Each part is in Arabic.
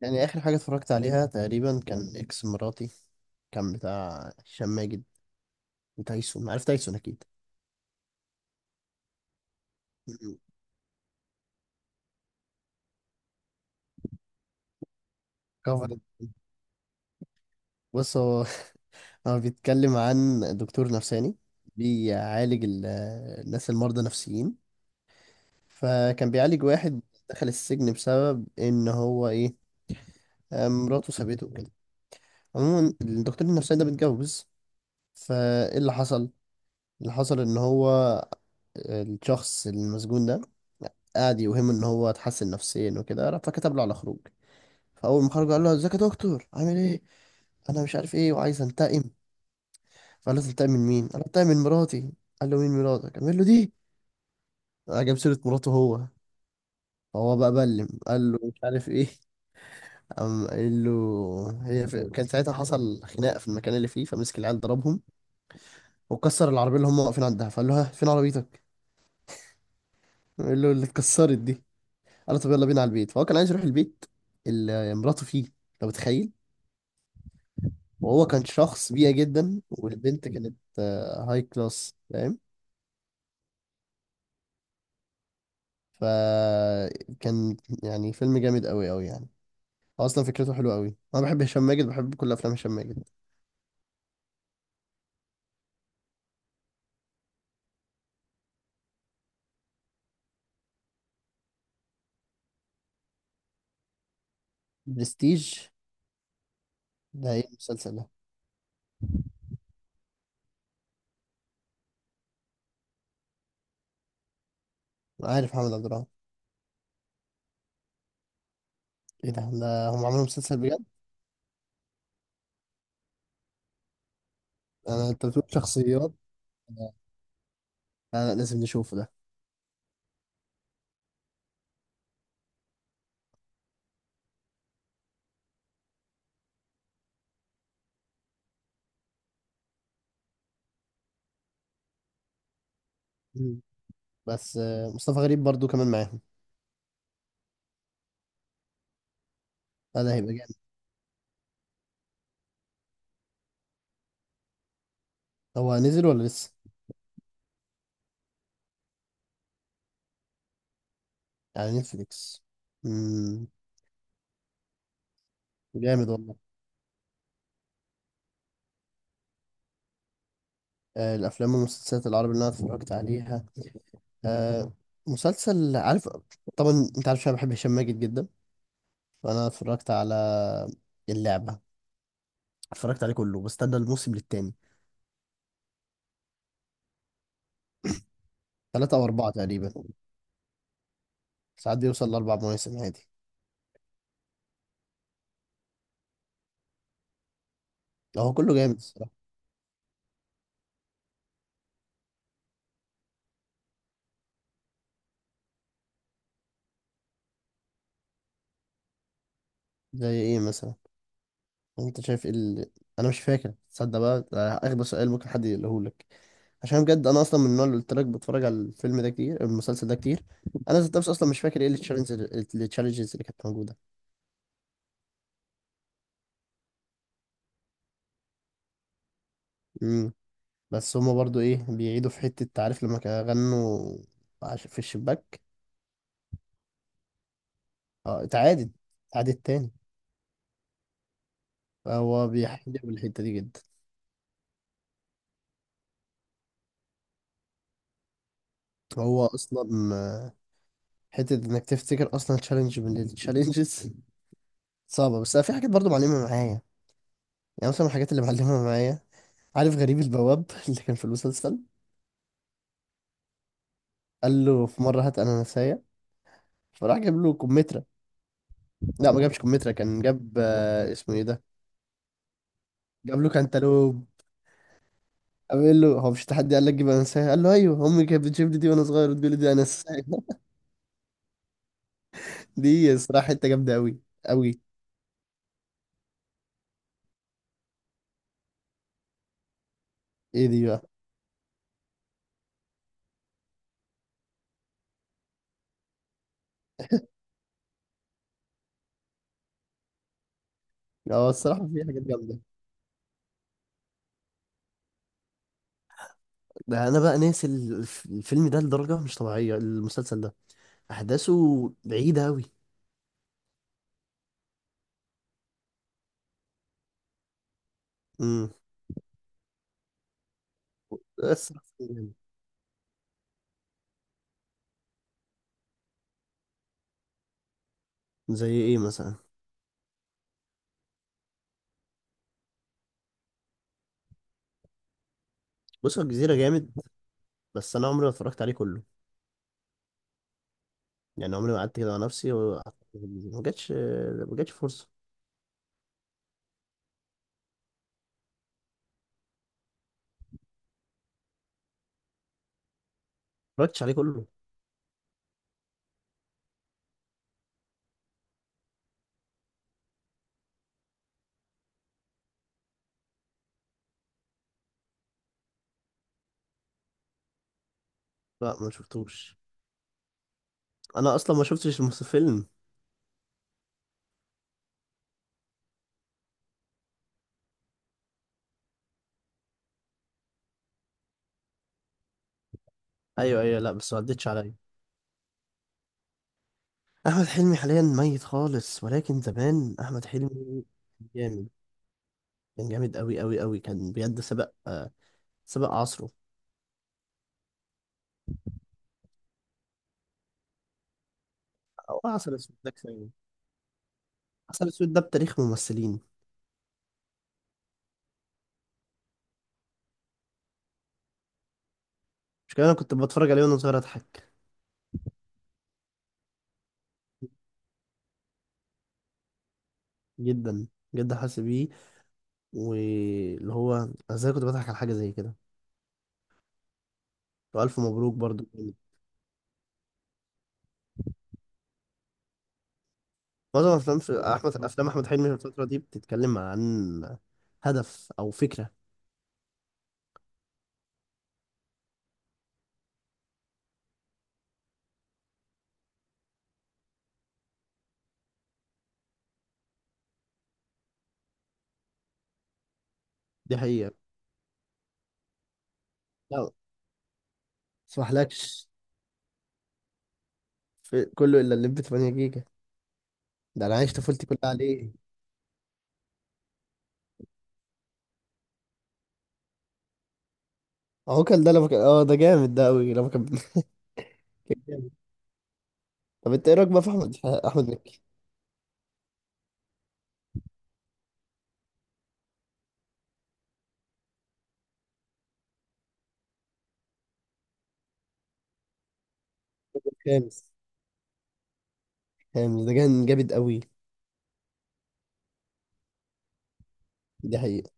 يعني آخر حاجة اتفرجت عليها تقريبا كان إكس مراتي. كان بتاع هشام ماجد وتايسون، عارف تايسون أكيد. مم. كفر. بص هو، هو بيتكلم عن دكتور نفساني بيعالج الناس المرضى نفسيين. فكان بيعالج واحد دخل السجن بسبب إن هو إيه، مراته سابته وكده. عموما الدكتور النفساني ده متجوز، فإيه اللي حصل؟ اللي حصل إن هو الشخص المسجون ده قعد يوهمه إن هو اتحسن نفسيا وكده، فكتب له على خروج. فاول ما خرج قال له ازيك يا دكتور، عامل ايه، انا مش عارف ايه وعايز انتقم. فقال له تنتقم من مين، قال له انتقم من مراتي. قال له مين مراتك، قال له دي. جاب سيره مراته هو. فهو بقى بلم، قال له مش عارف ايه. قام قال له كان ساعتها حصل خناقه في المكان اللي فيه، فمسك العيال ضربهم وكسر العربيه اللي هم واقفين عندها. فقال له ها فين عربيتك، قال له اللي اتكسرت دي. قال له طب يلا بينا على البيت، فهو كان عايز يروح البيت اللي مراته فيه، لو متخيل. وهو كان شخص بيئة جدا، والبنت كانت هاي كلاس، فاهم. فكان يعني فيلم جامد قوي قوي يعني. هو اصلا فكرته حلوه قوي، انا بحب هشام ماجد، بحب كل افلام هشام ماجد. برستيج، ده ايه المسلسل ده؟ انا عارف محمد عبد الرحمن. ايه ده، ده هم عملوا مسلسل بجد؟ انا انت بتقول شخصيات، لا، لا لازم نشوفه ده. مم. بس مصطفى غريب برضو كمان معاهم. لا ده هيبقى جامد. هو نزل ولا لسه؟ على نتفليكس. امم. جامد والله. الافلام والمسلسلات العربي اللي انا اتفرجت عليها، آه، مسلسل عارف طبعا، انت عارف انا بحب هشام ماجد جدا. فانا اتفرجت على اللعبه، اتفرجت عليه كله، بستنى الموسم للتاني. ثلاثة او اربعة تقريبا. ساعات بيوصل لاربع مواسم عادي. لو هو كله جامد الصراحه. زي ايه مثلا؟ انت شايف إيه انا مش فاكر، تصدق بقى ده اغبى سؤال ممكن حد يقولهولك. عشان بجد انا اصلا من النوع اللي قلت لك بتفرج على الفيلم ده كتير، المسلسل ده كتير. انا ذات نفسي اصلا مش فاكر ايه التشالنجز، التشالنجز اللي كانت موجوده. امم. بس هما برضو ايه بيعيدوا في حته، تعرف لما كانوا غنوا في الشباك. اه اتعادت، اتعادت تاني. هو بيحجب الحتة دي جدا. هو أصلا حتة إنك تفتكر أصلا تشالنج من التشالنجز صعبة، بس أنا في حاجات برضو معلمة معايا. يعني مثلا من الحاجات اللي معلمة معايا، عارف غريب البواب اللي كان في المسلسل. قال له في مرة هات أناناساية، فراح جاب له كمثرى. لا ما جابش كمثرى، كان جاب اسمه إيه ده، جاب له كانتالوب. قال له هو مش تحدي، قال لك جيب أناناساية، قال له أيوه أمي كانت بتجيب لي دي وأنا صغير وتقول لي دي أناناساية. دي الصراحة حتة جامدة أوي أوي. إيه دي بقى؟ هو الصراحة في حاجات جامدة. ده انا بقى ناسي الفيلم ده لدرجه مش طبيعيه، المسلسل ده احداثه بعيده قوي. امم. بس جامد. زي ايه مثلا؟ بص هو الجزيره جامد، بس انا عمري ما اتفرجت عليه كله. يعني عمري ما قعدت كده مع نفسي وقعدت- في الجزيرة. ما جاتش، ما جاتش فرصه. ما اتفرجتش عليه كله. لا ما شفتوش. انا اصلا ما شفتش الفيلم. ايوه ايوه، لا بس ما عدتش عليا. احمد حلمي حاليا ميت خالص، ولكن زمان احمد حلمي جامد، كان جامد قوي قوي قوي، كان بجد سبق سبق عصره. او عسل اسود ده كفايه. عسل اسود ده بتاريخ ممثلين. مش كده، انا كنت بتفرج عليه وانا صغير اضحك. جدا جدا حاسس بيه. واللي هو أنا ازاي كنت بضحك على حاجه زي كده. والف مبروك برضو. معظم افلام في احمد افلام احمد حلمي في الفتره دي بتتكلم عن هدف او فكره. دي حقيقه. لا ما اسمحلكش، في كله الا اللي ب 8 جيجا. ده انا عايش طفولتي كلها عليه. اهو كان ده لما كان اه، ده جامد ده قوي لما كان كان جامد. طب انت ايه رايك بقى في احمد مكي؟ خامس هامز ده كان جامد قوي. دي حقيقة.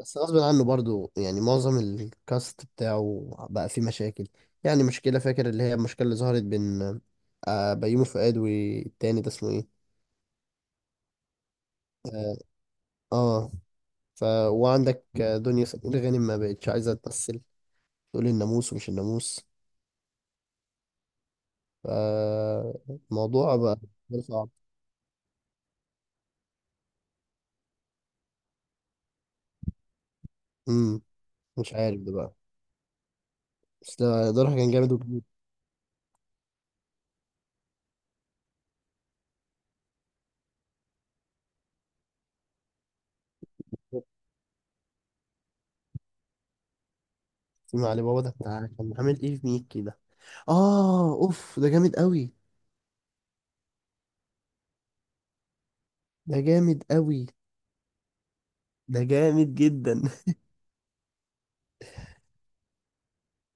بس غصب عنه برضو يعني معظم الكاست بتاعه بقى فيه مشاكل. يعني مشكلة، فاكر اللي هي المشكلة اللي ظهرت بين بيومي فؤاد والتاني ده اسمه ايه؟ اه. آه. ف، وعندك دنيا سمير غانم ما بقتش عايزة تمثل، تقول الناموس ومش الناموس. ف الموضوع بقى صعب. امم. مش عارف ده بقى. بس ده راح كان جامد وكبير. علي بابا ده كان عامل ايه في ميك كده، اه اوف ده جامد قوي. ده جامد قوي، ده جامد جدا.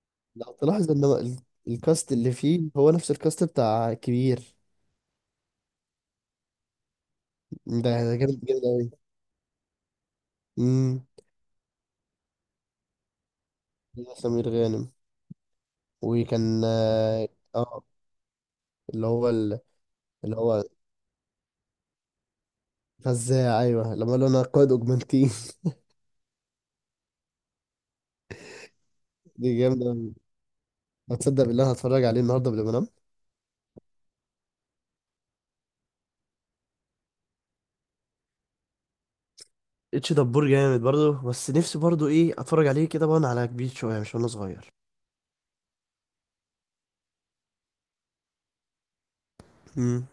لو تلاحظ ان هو الكاست اللي فيه هو نفس الكاست بتاع كبير. ده جامد جامد قوي. امم. سمير غانم. وكان اه آه، اللي هو اللي هو فزاع. ايوه لما قال له انا قائد اوجمانتين. دي جامده أوي. هتصدق بالله، أنا هتفرج عليه النهارده قبل ما انام. اتش دبور جامد برضه، بس نفسي برضه ايه اتفرج عليه كده وانا على كبير شويه مش وانا صغير. امم.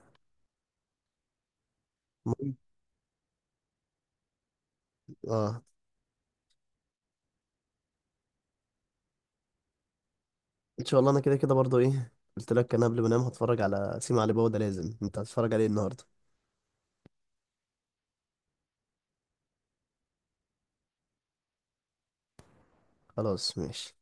اه. ان شاء الله. انا كده كده برضو ايه قلت لك، انا قبل ما انام هتفرج على سيما علي بابا ده، لازم انت هتتفرج عليه النهارده. خلاص ماشي.